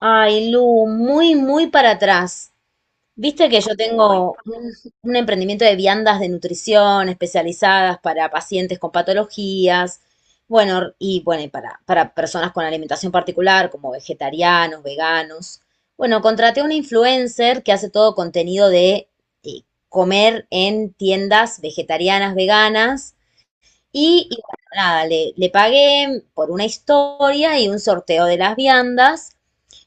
Ay, Lu, muy, muy para atrás. Viste que yo tengo un emprendimiento de viandas de nutrición especializadas para pacientes con patologías, bueno, y bueno, y para personas con alimentación particular, como vegetarianos, veganos. Bueno, contraté a una influencer que hace todo contenido de eh, comer en tiendas vegetarianas, veganas, y bueno, nada, le pagué por una historia y un sorteo de las viandas.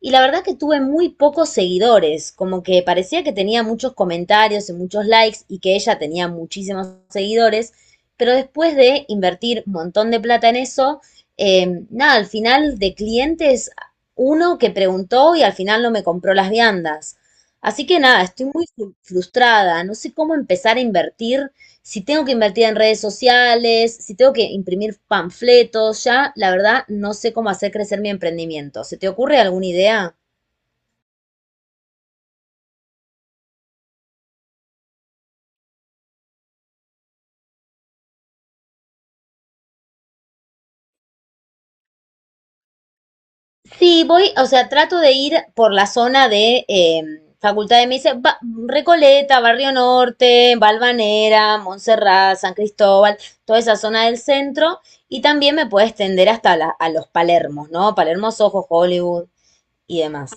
Y la verdad que tuve muy pocos seguidores, como que parecía que tenía muchos comentarios y muchos likes y que ella tenía muchísimos seguidores, pero después de invertir un montón de plata en eso, nada, al final de clientes, uno que preguntó y al final no me compró las viandas. Así que nada, estoy muy frustrada, no sé cómo empezar a invertir si tengo que invertir en redes sociales, si tengo que imprimir panfletos, ya la verdad no sé cómo hacer crecer mi emprendimiento. ¿Se te ocurre alguna idea? Sí, voy, o sea, trato de ir por la zona de Facultad de Medicina, Recoleta, Barrio Norte, Valvanera, Montserrat, San Cristóbal, toda esa zona del centro. Y también me puedo extender hasta a los Palermos, ¿no? Palermos, Ojos, Hollywood y demás.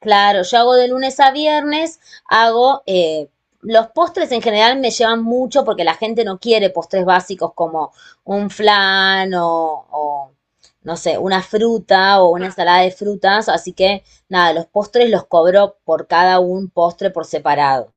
Claro, yo hago de lunes a viernes, hago, los postres en general me llevan mucho porque la gente no quiere postres básicos como un flan o, no sé, una fruta o una ensalada de frutas, así que nada, los postres los cobro por cada un postre por separado.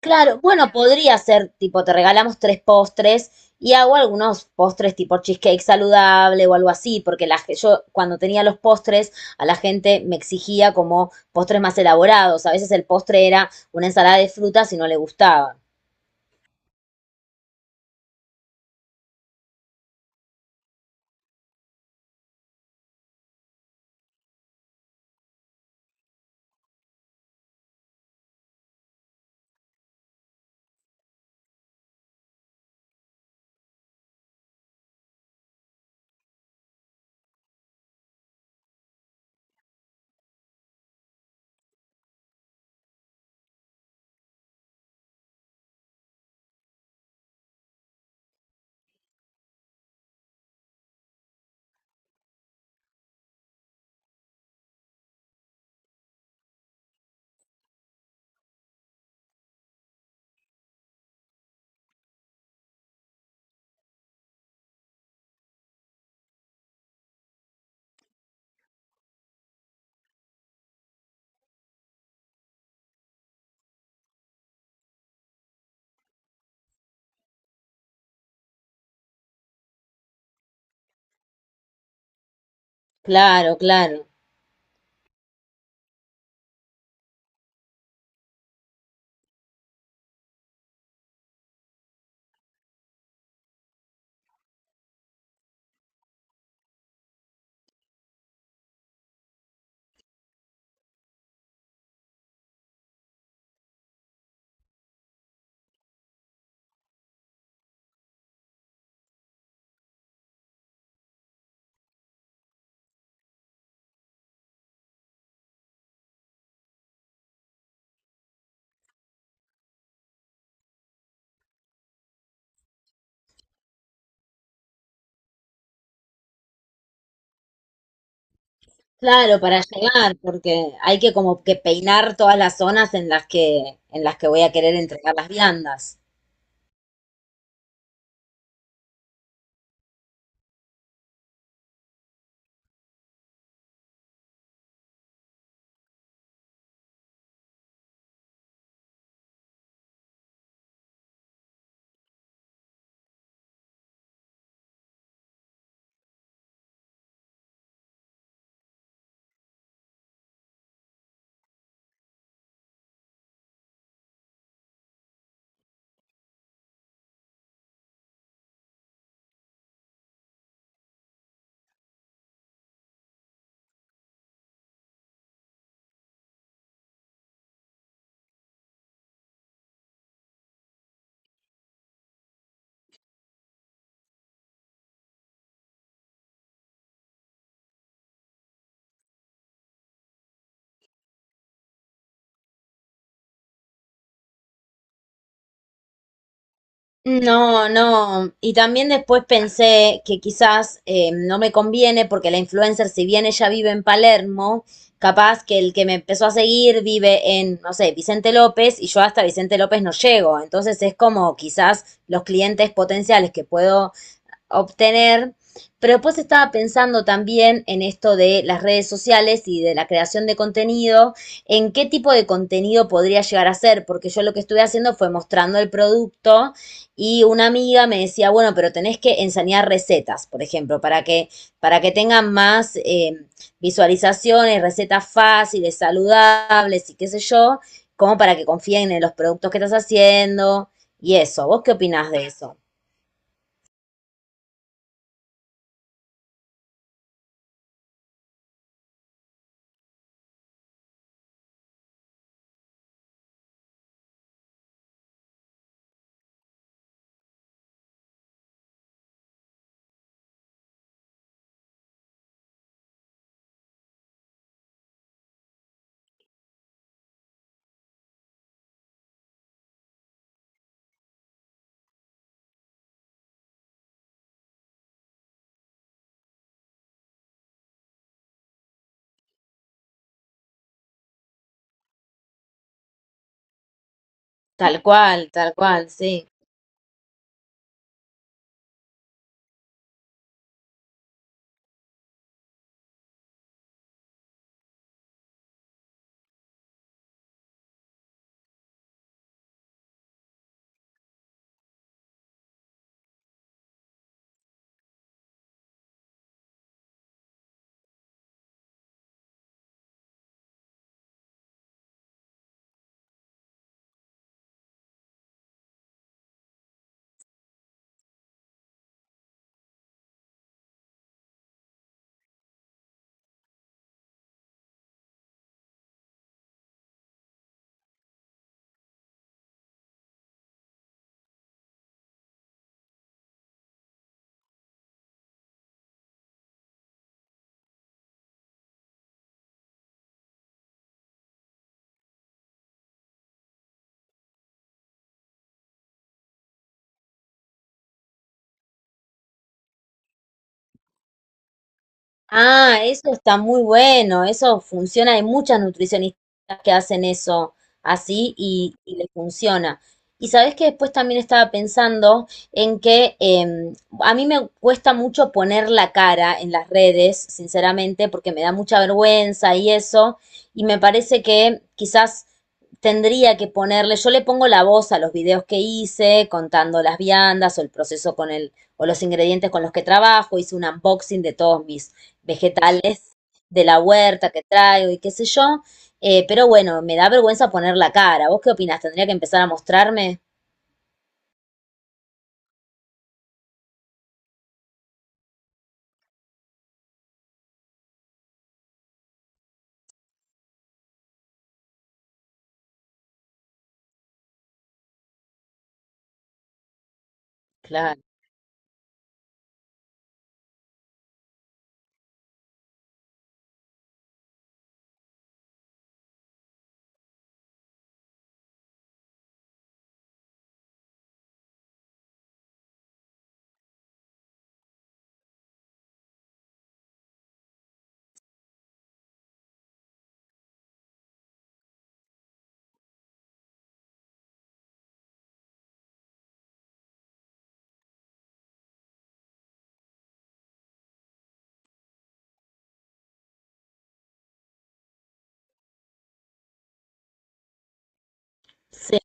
Claro, bueno, podría ser tipo, te regalamos tres postres y hago algunos postres tipo cheesecake saludable o algo así, porque yo cuando tenía los postres a la gente me exigía como postres más elaborados. A veces el postre era una ensalada de frutas y no le gustaba. Claro, claro. Claro, para llegar, porque hay que como que peinar todas las zonas en las que voy a querer entregar las viandas. No, no. Y también después pensé que quizás no me conviene porque la influencer, si bien ella vive en Palermo, capaz que el que me empezó a seguir vive en, no sé, Vicente López y yo hasta Vicente López no llego. Entonces es como quizás los clientes potenciales que puedo obtener. Pero después estaba pensando también en esto de las redes sociales y de la creación de contenido, en qué tipo de contenido podría llegar a ser, porque yo lo que estuve haciendo fue mostrando el producto y una amiga me decía, bueno, pero tenés que enseñar recetas, por ejemplo, para que tengan más visualizaciones, recetas fáciles, saludables y qué sé yo, como para que confíen en los productos que estás haciendo y eso. ¿Vos qué opinás de eso? Tal cual, sí. Ah, eso está muy bueno, eso funciona, hay muchas nutricionistas que hacen eso así y les funciona. Y sabés que después también estaba pensando en que a mí me cuesta mucho poner la cara en las redes, sinceramente, porque me da mucha vergüenza y eso, y me parece que quizás tendría que ponerle, yo le pongo la voz a los videos que hice, contando las viandas o el proceso con el, o los ingredientes con los que trabajo, hice un unboxing de todos mis vegetales de la huerta que traigo y qué sé yo, pero bueno, me da vergüenza poner la cara. ¿Vos qué opinás? ¿Tendría que empezar a mostrarme? Claro. Sí,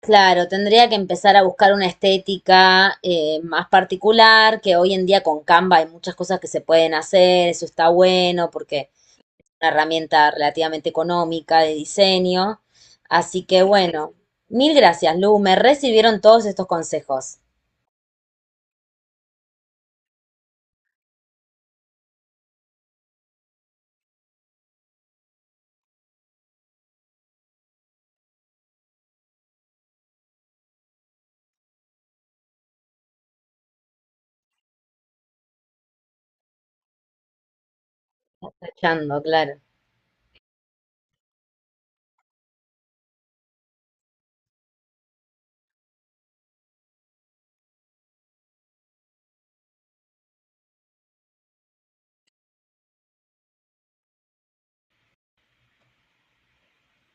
claro, tendría que empezar a buscar una estética más particular, que hoy en día con Canva hay muchas cosas que se pueden hacer, eso está bueno, porque una herramienta relativamente económica de diseño. Así que bueno, mil gracias, Lu. Me recibieron todos estos consejos. Escuchando, claro.